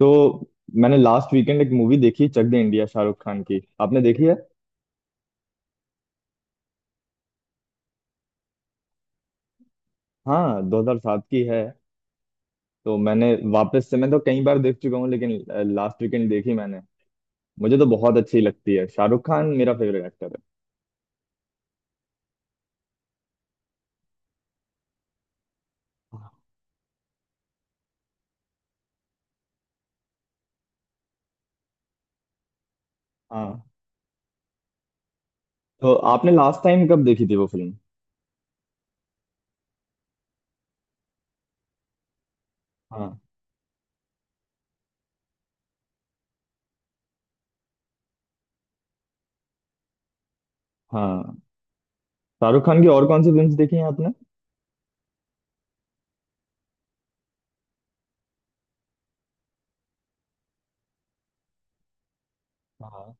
तो मैंने last weekend एक मूवी देखी, चक दे इंडिया, शाहरुख खान की। आपने देखी है? हाँ, 2007 की है। तो मैंने वापस से मैं तो कई बार देख चुका हूँ, लेकिन लास्ट वीकेंड देखी मैंने। मुझे तो बहुत अच्छी लगती है। शाहरुख खान मेरा फेवरेट एक्टर है। हाँ। तो आपने लास्ट टाइम कब देखी थी वो फिल्म? हाँ हाँ। शाहरुख खान की और कौन सी फिल्म्स देखी हैं आपने? हाँ।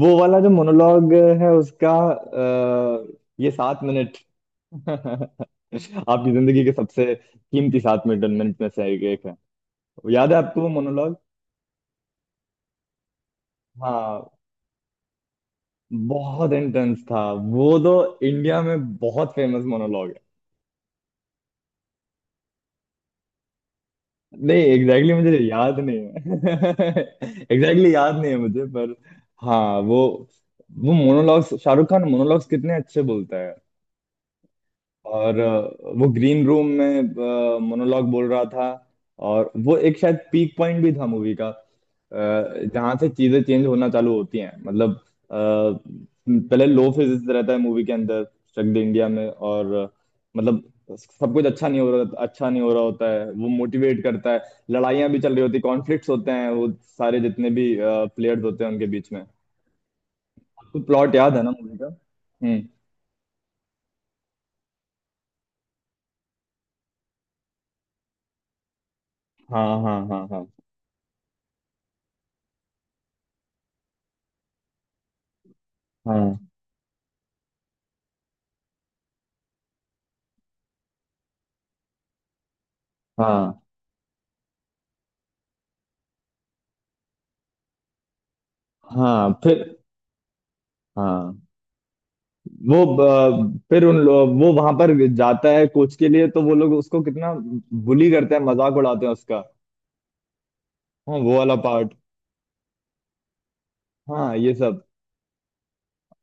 वो वाला जो मोनोलॉग है उसका, ये सात मिनट आपकी जिंदगी के सबसे कीमती सात मिनट मिनट में से एक है। याद है आपको वो मोनोलॉग? हाँ। बहुत इंटेंस था वो तो। इंडिया में बहुत फेमस मोनोलॉग है। नहीं, एग्जैक्टली मुझे याद नहीं है एग्जैक्टली याद नहीं है मुझे, पर हाँ। वो वो मोनोलॉग्स, शाहरुख खान मोनोलॉग्स कितने अच्छे बोलता है। और वो ग्रीन रूम में मोनोलॉग बोल रहा था। और वो एक शायद पीक पॉइंट भी था मूवी का, जहाँ से चीजें चेंज होना चालू होती हैं। मतलब अ, पहले लो फिजिक्स रहता है मूवी के अंदर, स्ट्रक द इंडिया में। और मतलब सब कुछ अच्छा नहीं हो रहा होता है, वो मोटिवेट करता है। लड़ाइयाँ भी चल रही होती, कॉन्फ्लिक्ट्स होते हैं वो सारे जितने भी प्लेयर्स होते हैं उनके बीच में। तो प्लॉट याद है ना मूवी का? हम्म। हाँ हाँ हाँ हाँ, हाँ हाँ हाँ, फिर हाँ। फिर उन लोग वो वहां पर जाता है कोच के लिए, तो वो लोग उसको कितना बुली करते हैं, मजाक उड़ाते हैं उसका। हाँ वो वाला पार्ट। हाँ ये सब।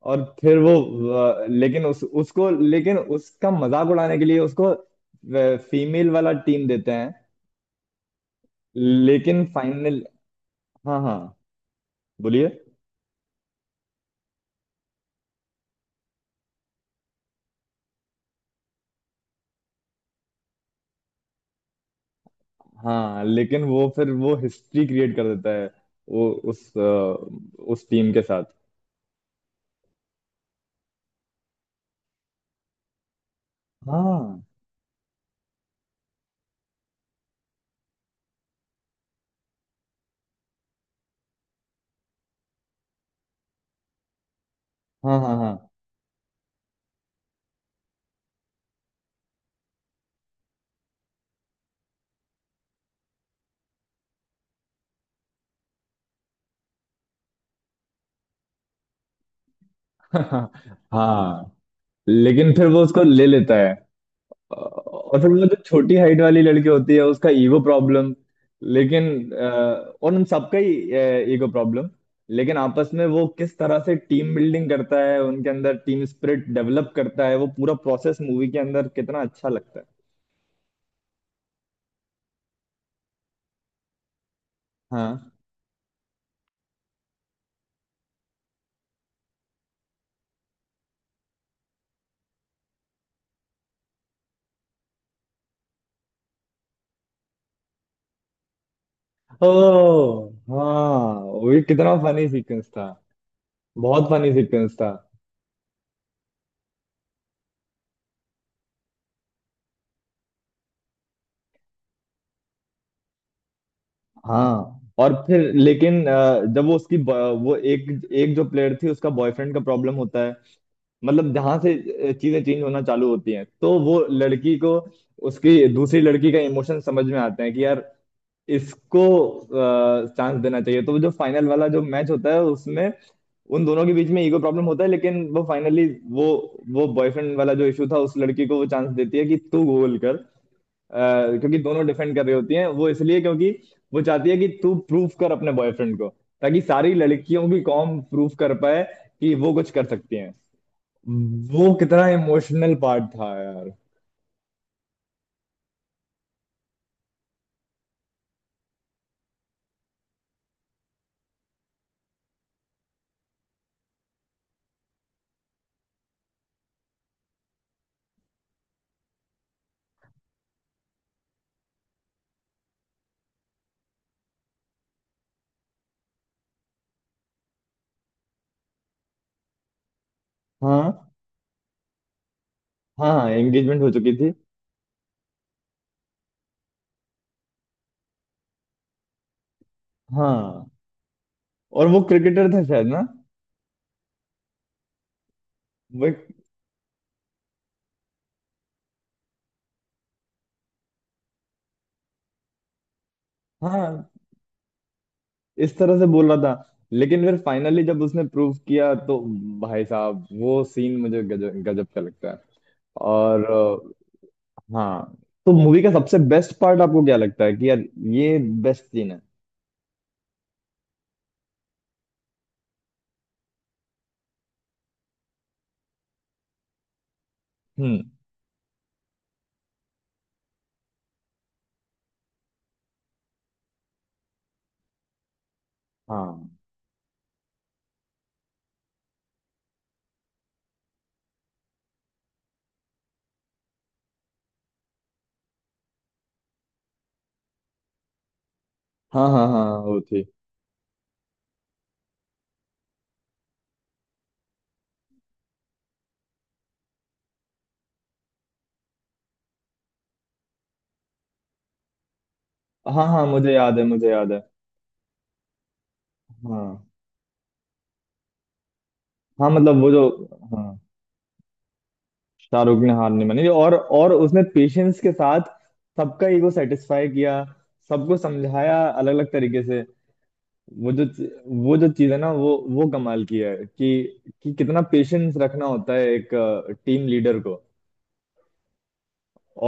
और फिर वो, लेकिन उस उसको, लेकिन उसका मजाक उड़ाने के लिए उसको फीमेल वाला टीम देते हैं। लेकिन फाइनल। हाँ हाँ, बोलिए। हाँ, लेकिन वो फिर वो हिस्ट्री क्रिएट कर देता है वो उस टीम के साथ। हाँ हाँ हाँ हाँ हाँ। लेकिन फिर वो उसको ले लेता है, और फिर वो जो छोटी हाइट वाली लड़की होती है उसका ईगो प्रॉब्लम। लेकिन अ, और उन सबका ही ईगो प्रॉब्लम। लेकिन आपस में वो किस तरह से टीम बिल्डिंग करता है, उनके अंदर टीम स्पिरिट डेवलप करता है, वो पूरा प्रोसेस मूवी के अंदर कितना अच्छा लगता है। हाँ। ओ। हाँ, वो भी कितना फनी सीक्वेंस था। बहुत फनी सीक्वेंस था। हाँ, और फिर लेकिन जब वो वो एक एक जो प्लेयर थी उसका बॉयफ्रेंड का प्रॉब्लम होता है। मतलब जहां से चीजें चेंज होना चालू होती हैं, तो वो लड़की को उसकी दूसरी लड़की का इमोशन समझ में आते हैं कि यार इसको चांस देना चाहिए। तो वो जो फाइनल वाला जो मैच होता है उसमें उन दोनों के बीच में ईगो प्रॉब्लम होता है, लेकिन वो फाइनली वो वो बॉयफ्रेंड वाला जो इशू था, उस लड़की को वो चांस देती है कि तू गोल कर। क्योंकि दोनों डिफेंड कर रही होती हैं वो, इसलिए क्योंकि वो चाहती है कि तू प्रूफ कर अपने बॉयफ्रेंड को, ताकि सारी लड़कियों की कॉम प्रूफ कर पाए कि वो कुछ कर सकती हैं। वो कितना इमोशनल पार्ट था यार। हाँ हाँ हाँ, एंगेजमेंट हो चुकी थी। हाँ, और वो क्रिकेटर था शायद ना? वो एक- हाँ, इस तरह से बोल रहा था। लेकिन फिर फाइनली जब उसने प्रूफ किया, तो भाई साहब, वो सीन मुझे गजब गजब का लगता है। और हाँ। तो मूवी का सबसे बेस्ट पार्ट आपको क्या लगता है कि यार ये बेस्ट सीन है? हम्म। हाँ हाँ हाँ हाँ, वो थी। हाँ हाँ, मुझे याद है, मुझे याद है। हाँ हाँ, मतलब वो जो। हाँ, शाहरुख ने हार नहीं मानी, और उसने पेशेंस के साथ सबका ईगो सेटिस्फाई किया, सबको समझाया अलग अलग तरीके से। वो जो चीज- वो जो चीज है ना, वो कमाल की है कि कितना पेशेंस रखना होता है एक टीम लीडर को।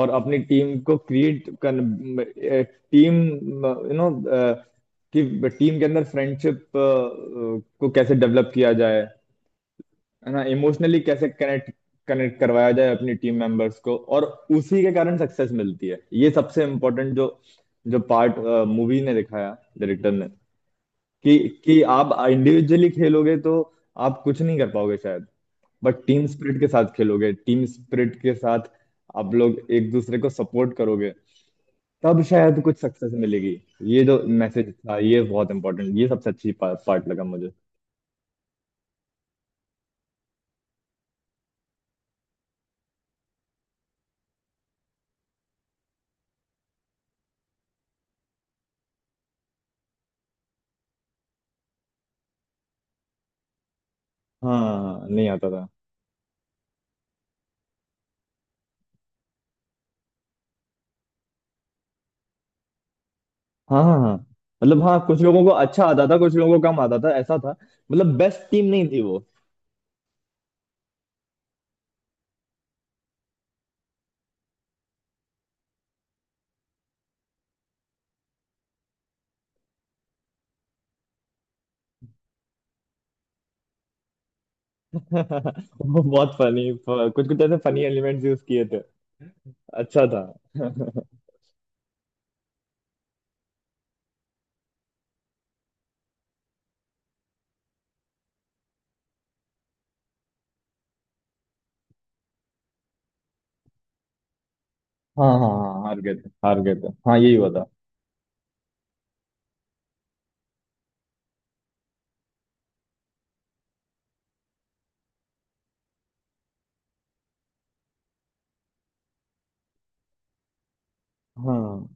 और अपनी टीम को क्रिएट कर, टीम कि टीम के अंदर फ्रेंडशिप को कैसे डेवलप किया जाए, है ना। इमोशनली कैसे कनेक्ट कनेक्ट करवाया जाए अपनी टीम मेंबर्स को, और उसी के कारण सक्सेस मिलती है। ये सबसे इम्पोर्टेंट जो जो पार्ट मूवी ने दिखाया, डायरेक्टर ने, कि आप इंडिविजुअली खेलोगे तो आप कुछ नहीं कर पाओगे शायद। बट टीम स्पिरिट के साथ खेलोगे, टीम स्पिरिट के साथ आप लोग एक दूसरे को सपोर्ट करोगे, तब शायद कुछ सक्सेस मिलेगी। ये जो मैसेज था ये बहुत इंपॉर्टेंट, ये सबसे अच्छी पार्ट लगा मुझे। हाँ, नहीं आता था। हाँ हाँ हाँ। मतलब हाँ, कुछ लोगों को अच्छा आता था, कुछ लोगों को कम आता था, ऐसा था। मतलब बेस्ट टीम नहीं थी वो। वो बहुत फनी, कुछ कुछ ऐसे फनी एलिमेंट्स यूज किए थे, अच्छा था। हाँ हाँ हाँ, हार गए थे, हार गए थे, हाँ यही हुआ था। हाँ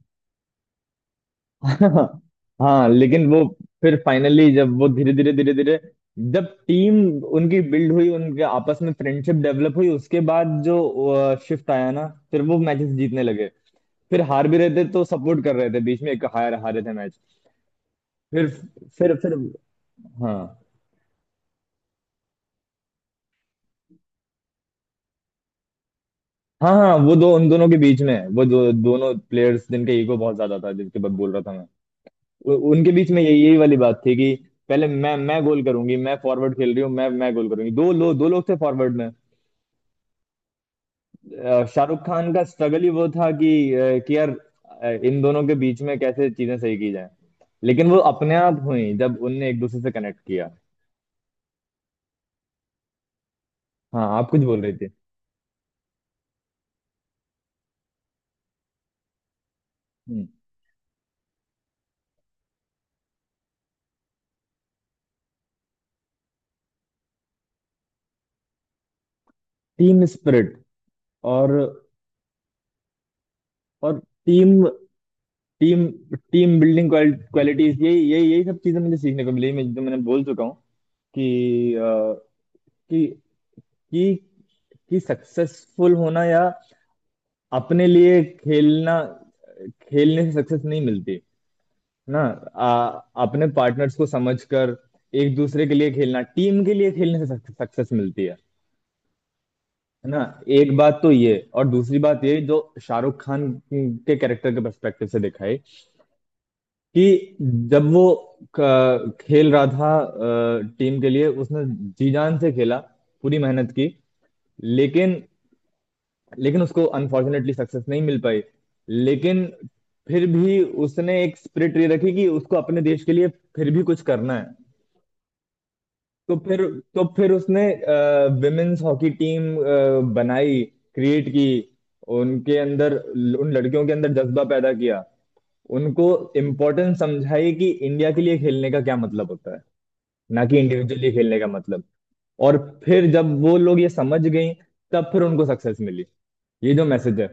हाँ हाँ, लेकिन वो फिर फाइनली जब वो धीरे धीरे जब टीम उनकी बिल्ड हुई, उनके आपस में फ्रेंडशिप डेवलप हुई, उसके बाद जो शिफ्ट आया ना, फिर वो मैचेस जीतने लगे। फिर हार भी रहे थे तो सपोर्ट कर रहे थे, बीच में एक हार हारे थे मैच। फिर फिर, हाँ। हाँ हाँ वो दो उन दोनों के बीच में है, वो दो दोनों प्लेयर्स जिनके ईगो बहुत ज्यादा था, जिनके बाद बोल रहा था। उनके बीच में यही यही वाली बात थी कि पहले मैं गोल करूंगी, मैं फॉरवर्ड खेल रही हूँ, मैं गोल करूंगी, दो लोग थे फॉरवर्ड में। शाहरुख खान का स्ट्रगल ही वो था कि कि यार इन दोनों के बीच में कैसे चीजें सही की जाए। लेकिन वो अपने आप हुई जब उनने एक दूसरे से कनेक्ट किया। हाँ, आप कुछ बोल रहे थे? हम्म। टीम स्पिरिट, और और team team team building qualities, यही यही यही सब चीजें मुझे सीखने को मिली, मैं जो मैंने बोल चुका हूँ, कि कि कि कि सक्सेसफुल होना या अपने लिए खेलना, खेलने से सक्सेस नहीं मिलती ना। आ, अपने पार्टनर्स को समझकर एक दूसरे के लिए खेलना, टीम के लिए खेलने से सक्सेस मिलती है ना। एक बात तो ये, और दूसरी बात ये जो शाहरुख खान के कैरेक्टर के पर्सपेक्टिव से दिखाई, कि जब वो खेल रहा था टीम के लिए, उसने जी जान से खेला, पूरी मेहनत की। लेकिन लेकिन उसको अनफॉर्चुनेटली सक्सेस नहीं मिल पाई। लेकिन फिर भी उसने एक स्पिरिट ये रखी कि उसको अपने देश के लिए फिर भी कुछ करना है। तो फिर तो फिर उसने विमेन्स हॉकी टीम बनाई, क्रिएट की। उनके अंदर, उन लड़कियों के अंदर जज्बा पैदा किया, उनको इम्पोर्टेंस समझाई कि इंडिया के लिए खेलने का क्या मतलब होता है, ना कि इंडिविजुअली खेलने का मतलब। और फिर जब वो लोग ये समझ गई, तब फिर उनको सक्सेस मिली। ये जो मैसेज है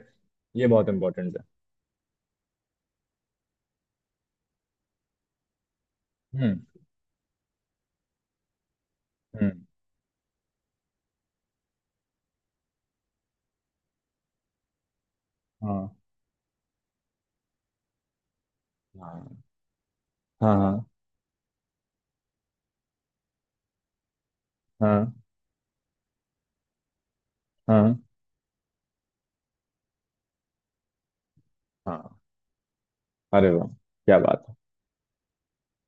ये बहुत इंपॉर्टेंट है। हम्म। हम्म। हाँ हाँ हाँ हाँ हाँ हाँ हाँ। अरे वाह, क्या बात है।